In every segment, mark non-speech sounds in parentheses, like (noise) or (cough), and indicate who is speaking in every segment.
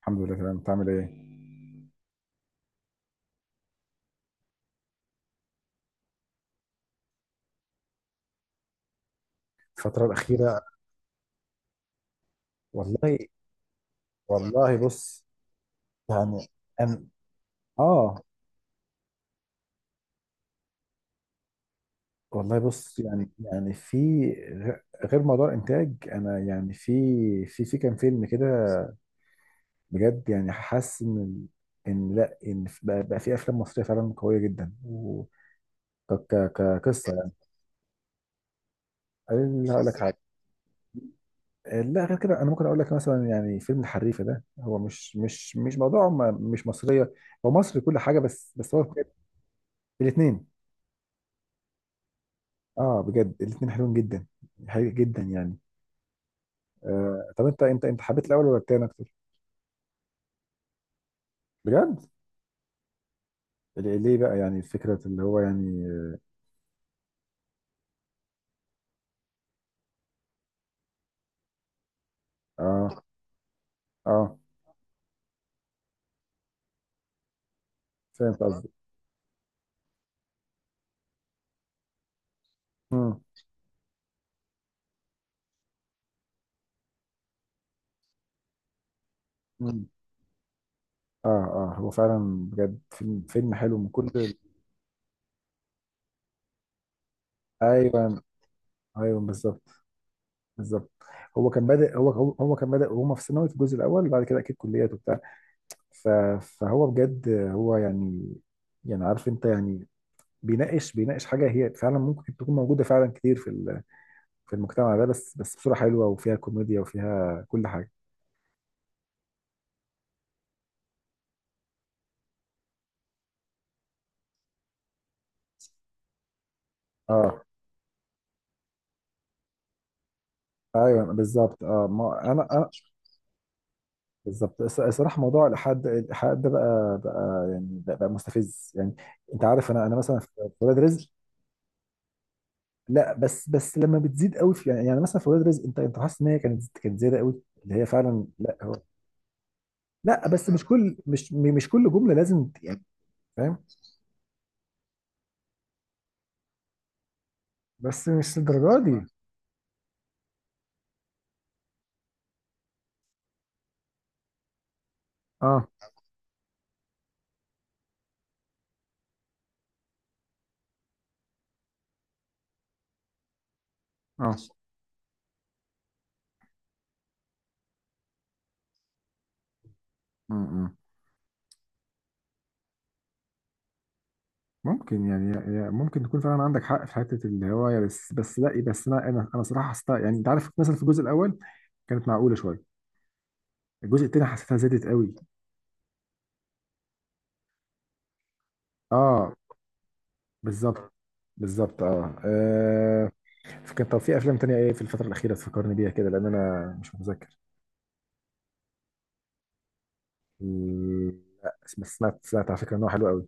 Speaker 1: الحمد لله تمام. انت عامل ايه؟ الفترة الأخيرة. والله. والله بص، يعني أنا آه والله بص يعني يعني في غير موضوع الإنتاج، أنا يعني في في كام فيلم كده بجد، يعني حاسس إن ال- إن لا إن في- بقى, بقى في أفلام مصرية فعلا قوية جدا، و ك- ك- كقصة يعني. أنا هقول لك حاجة، لا غير كده. أنا ممكن أقول لك مثلا يعني فيلم الحريفة ده، هو مش موضوع مش مصرية، هو مصري كل حاجة، بس هو الاثنين. اه بجد، الاتنين حلوين جدا، حقيقي جدا يعني. آه، طب انت انت حبيت الاول ولا التاني اكتر؟ بجد؟ ليه بقى يعني؟ فكرة اللي هو يعني. اه، اه، فهمت قصدي. امم، امم. اه، اه، هو فعلا. بجد فيلم حلو من كل ايوه، ايوه بالظبط، بالظبط. هو كان بادئ، هو كان بادئ وهما في ثانوي في الجزء الاول، وبعد كده اكيد كليات وبتاع. ف- فهو بجد هو يعني، يعني عارف انت يعني، بيناقش حاجة هي فعلا ممكن تكون موجودة فعلا كتير في في المجتمع ده، بس بصورة حلوة وفيها كوميديا وفيها كل حاجة. اه. ايوه بالظبط، اه ما انا بالظبط. الصراحه موضوع الالحاد، الالحاد ده بقى، بقى مستفز يعني. انت عارف، انا مثلا في، في ولاد رزق. لا بس، بس لما بتزيد قوي في يعني، يعني مثلا في ولاد رزق، انت حاسس ان هي كانت زياده قوي اللي هي فعلا لا هو. لا بس مش كل، مش كل جمله لازم يعني، فاهم. بس مش الدرجه دي. اه، اه. م- م. ممكن يعني، يعني ممكن تكون فعلا عندك حق في حته الهوايه، بس لا بس انا صراحه حسيتها. يعني انت عارف مثلا في الجزء الاول كانت معقوله شويه، الجزء التاني حسيتها زادت قوي. اه بالظبط، بالظبط، اه, آه. كان طب في افلام تانية ايه في الفتره الاخيره تفكرني بيها كده؟ لان انا مش متذكر. لا، بس سمعت على فكره ان هو حلو قوي.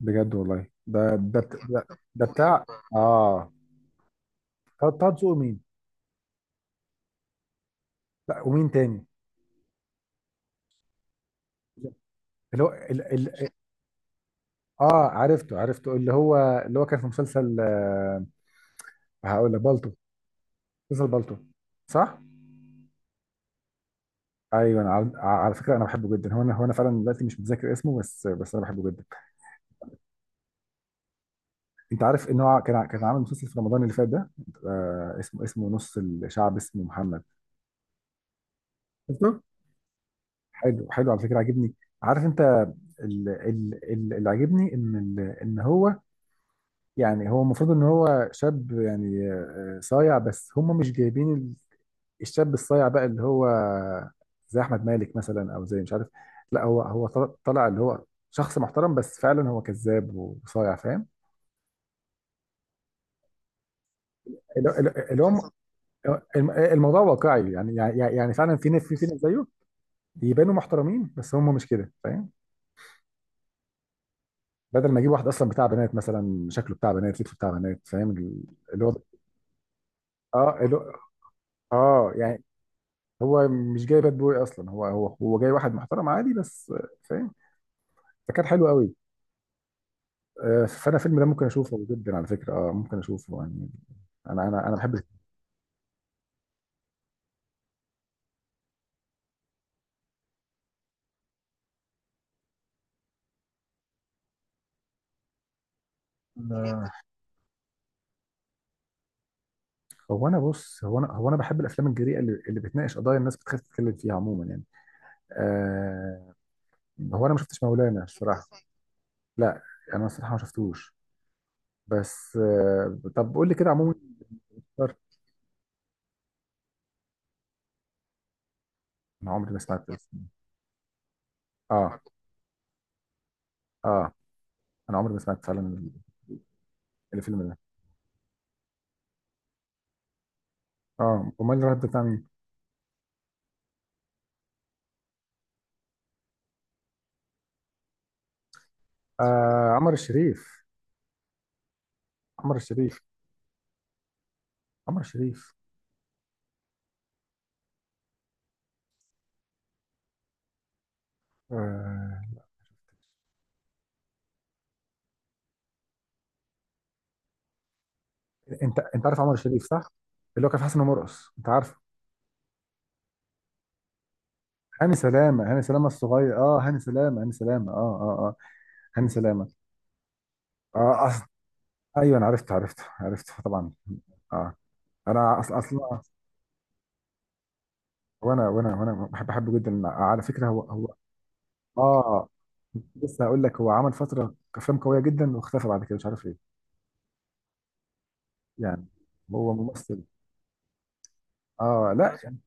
Speaker 1: بجد، والله ده بتاع، اه، طه دسوقي مين؟ لا، ومين تاني؟ اللي هو. اه، عرفته اللي هو، اللي هو كان في مسلسل آه، هقول لك بالطو، مسلسل بالطو، صح؟ ايوه، انا على، على فكره انا بحبه جدا. هو انا فعلا دلوقتي مش متذكر اسمه، بس انا بحبه جدا. انت عارف ان هو كان كان عامل مسلسل في رمضان اللي فات ده؟ آه، اسمه نص الشعب، اسمه محمد. شفته؟ حلو، حلو على فكره، عاجبني. عارف انت، اللي عاجبني ان ان هو يعني، هو المفروض ان هو شاب يعني آه، صايع، بس هم مش جايبين الشاب الصايع بقى، اللي هو زي احمد مالك مثلا، او زي مش عارف. لا، هو طلع اللي هو شخص محترم، بس فعلا هو كذاب وصايع، فاهم؟ اللي هو، الموضوع واقعي يعني، يعني فعلا في ناس، في ناس زيه يبانوا محترمين بس هم مش كده، فاهم؟ بدل ما يجيب واحد اصلا بتاع بنات مثلا، شكله بتاع بنات، لبسه بتاع بنات، فاهم؟ اللي هو، اه اللي هو، اه يعني، هو مش جاي باد بوي اصلا، هو جاي واحد محترم عادي بس، فاهم؟ فكان حلو قوي. آه، فانا الفيلم ده ممكن اشوفه جدا على فكره، اه ممكن اشوفه يعني. انا بحب. آه، هو انا بص، هو انا بحب الافلام الجريئه اللي بتناقش قضايا الناس بتخاف تتكلم فيها عموما يعني. آه، هو انا ما شفتش مولانا الصراحه. لا، انا الصراحه ما شفتوش، بس آه طب قول لي كده عموما. انا عمري ما سمعت الفيلم. اه، اه، انا عمري ما سمعت فعلا الفيلم ده. اه، امال الرهب ده بتاع مين؟ آه، عمر الشريف، عمر الشريف، عمر الشريف. آه، انت عارف عمر الشريف، صح؟ اللي هو كان في حسن ومرقص، انت عارفه. هاني سلامه، هاني سلامه الصغير، اه، هاني سلامه، هاني سلامه، اه، اه، اه هاني سلامه. اه أص... ايوه انا عرفت طبعا. اه. انا اصلا. وانا بحب، بحبه جدا على فكره. هو اه لسه هقول لك، هو عمل فتره افلام قويه جدا، واختفى بعد كده مش عارف ليه يعني. هو ممثل، اه لا يعني.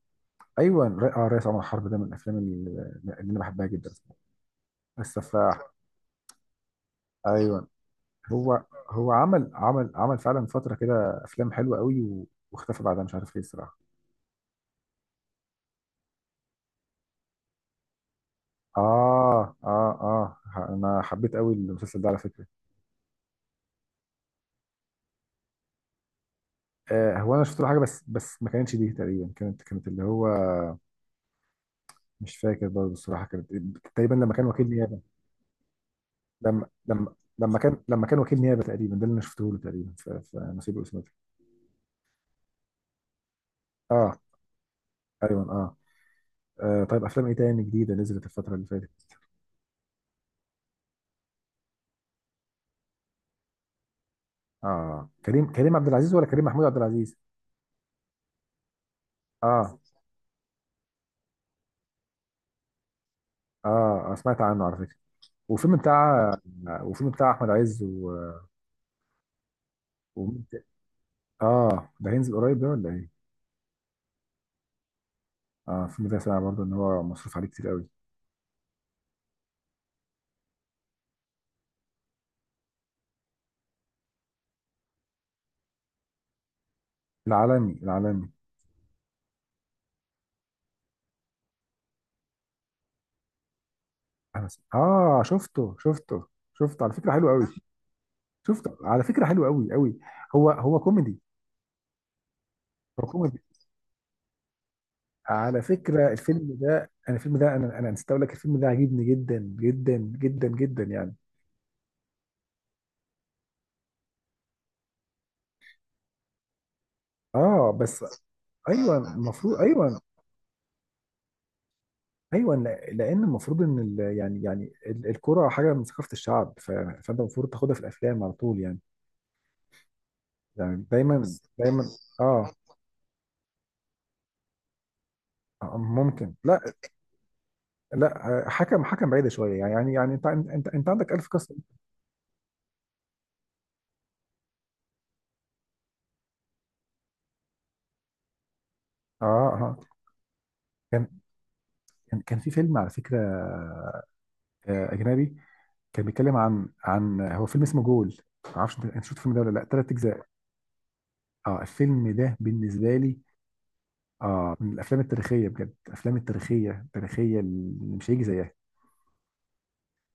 Speaker 1: ايوه رئيس عمر حرب ده من الافلام اللي، اللي انا بحبها جدا. بس ف، ايوه، هو هو عمل فعلا فترة كده أفلام حلوة قوي، واختفى بعدها مش عارف ليه الصراحة. أنا حبيت قوي المسلسل ده على فكرة. آه، هو أنا شفت له حاجة، بس ما كانتش دي تقريبا، كانت اللي هو مش فاكر برضه الصراحة، كانت تقريبا لما كان وكيل نيابة. لما كان وكيل نيابة تقريبا، ده اللي أنا شفته له تقريبا في، في نصيب وإسماعيل. آه تقريبا، آه. آه، طيب افلام ايه تاني جديده نزلت الفتره اللي فاتت؟ اه، كريم عبد العزيز ولا كريم محمود عبد العزيز؟ اه، اه، آه سمعت عنه على فكره. وفيلم بتاع وفيلم بتاع احمد عز، و... اه. ده هينزل قريب ده ولا ايه؟ اه، الفيلم ده سامع برضه ان هو مصروف عليه كتير قوي. العالمي، العالمي. أنا اه، شفته شفته على فكره حلو قوي. شفته على فكره حلو قوي قوي. هو كوميدي. هو كوميدي على فكره. الفيلم ده انا، الفيلم ده انا نسيت اقول لك، الفيلم ده عجبني جدا جدا جدا جدا يعني. اه بس. ايوه المفروض، ايوه، ايوه. لان المفروض ان الكرة حاجه من ثقافه الشعب، فانت المفروض تاخدها في الافلام على طول يعني، يعني دايما، دايما. اه، آه ممكن، لا، لا، آه، حكم، حكم بعيده شويه يعني، يعني انت عندك الف قصه. اه، اه. كان كان في فيلم على فكره آه اجنبي، كان بيتكلم عن، عن، هو فيلم اسمه جول، ما اعرفش انت، أنت شفت الفيلم ده ولا لا؟ ثلاث اجزاء. اه الفيلم ده بالنسبه لي، اه، من الافلام التاريخيه بجد، الافلام التاريخيه، التاريخيه اللي مش هيجي زيها.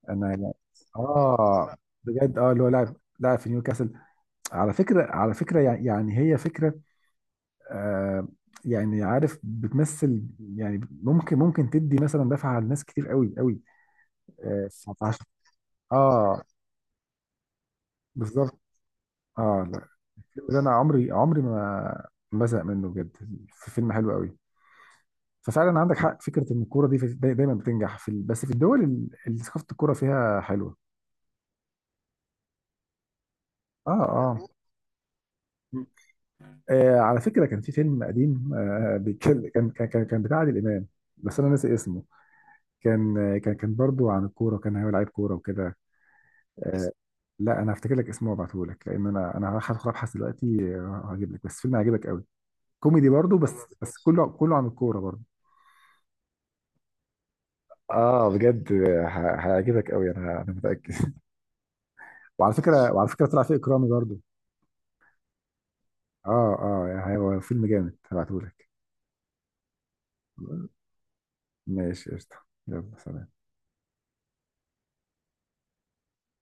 Speaker 1: انا يعني، اه انا بجد، اه، اللي هو لاعب في نيوكاسل. على فكره، على فكره يعني هي فكره آه، يعني عارف بتمثل، يعني ممكن تدي مثلا دفعه لناس كتير قوي قوي. اه. فعش- آه، بالظبط. اه لا، الفيلم ده انا عمري ما بزهق منه بجد. في فيلم حلو قوي. ففعلا عندك حق فكره ان الكوره دي دايما بتنجح في بس في الدول اللي ثقافه الكوره فيها حلوه. اه، اه. آه على فكره كان في فيلم قديم آه بيتكلم، كان بتاع عادل امام، بس انا ناسي اسمه. كان آه، كان برضه عن الكوره، وكان هو لعيب كوره وكده. آه. لا انا هفتكر لك اسمه وابعته لك، لان انا هروح ادخل ابحث دلوقتي، آه، هجيب لك بس فيلم هيعجبك قوي، كوميدي برضه، بس بس كله، كله عن الكوره برضه. اه بجد، هيعجبك قوي، انا متاكد. (laughs) وعلى فكره، وعلى فكره طلع فيه اكرامي برضه. اه، اه هو فيلم جامد، هبعته لك. ماشي قشطه. يلا سلام.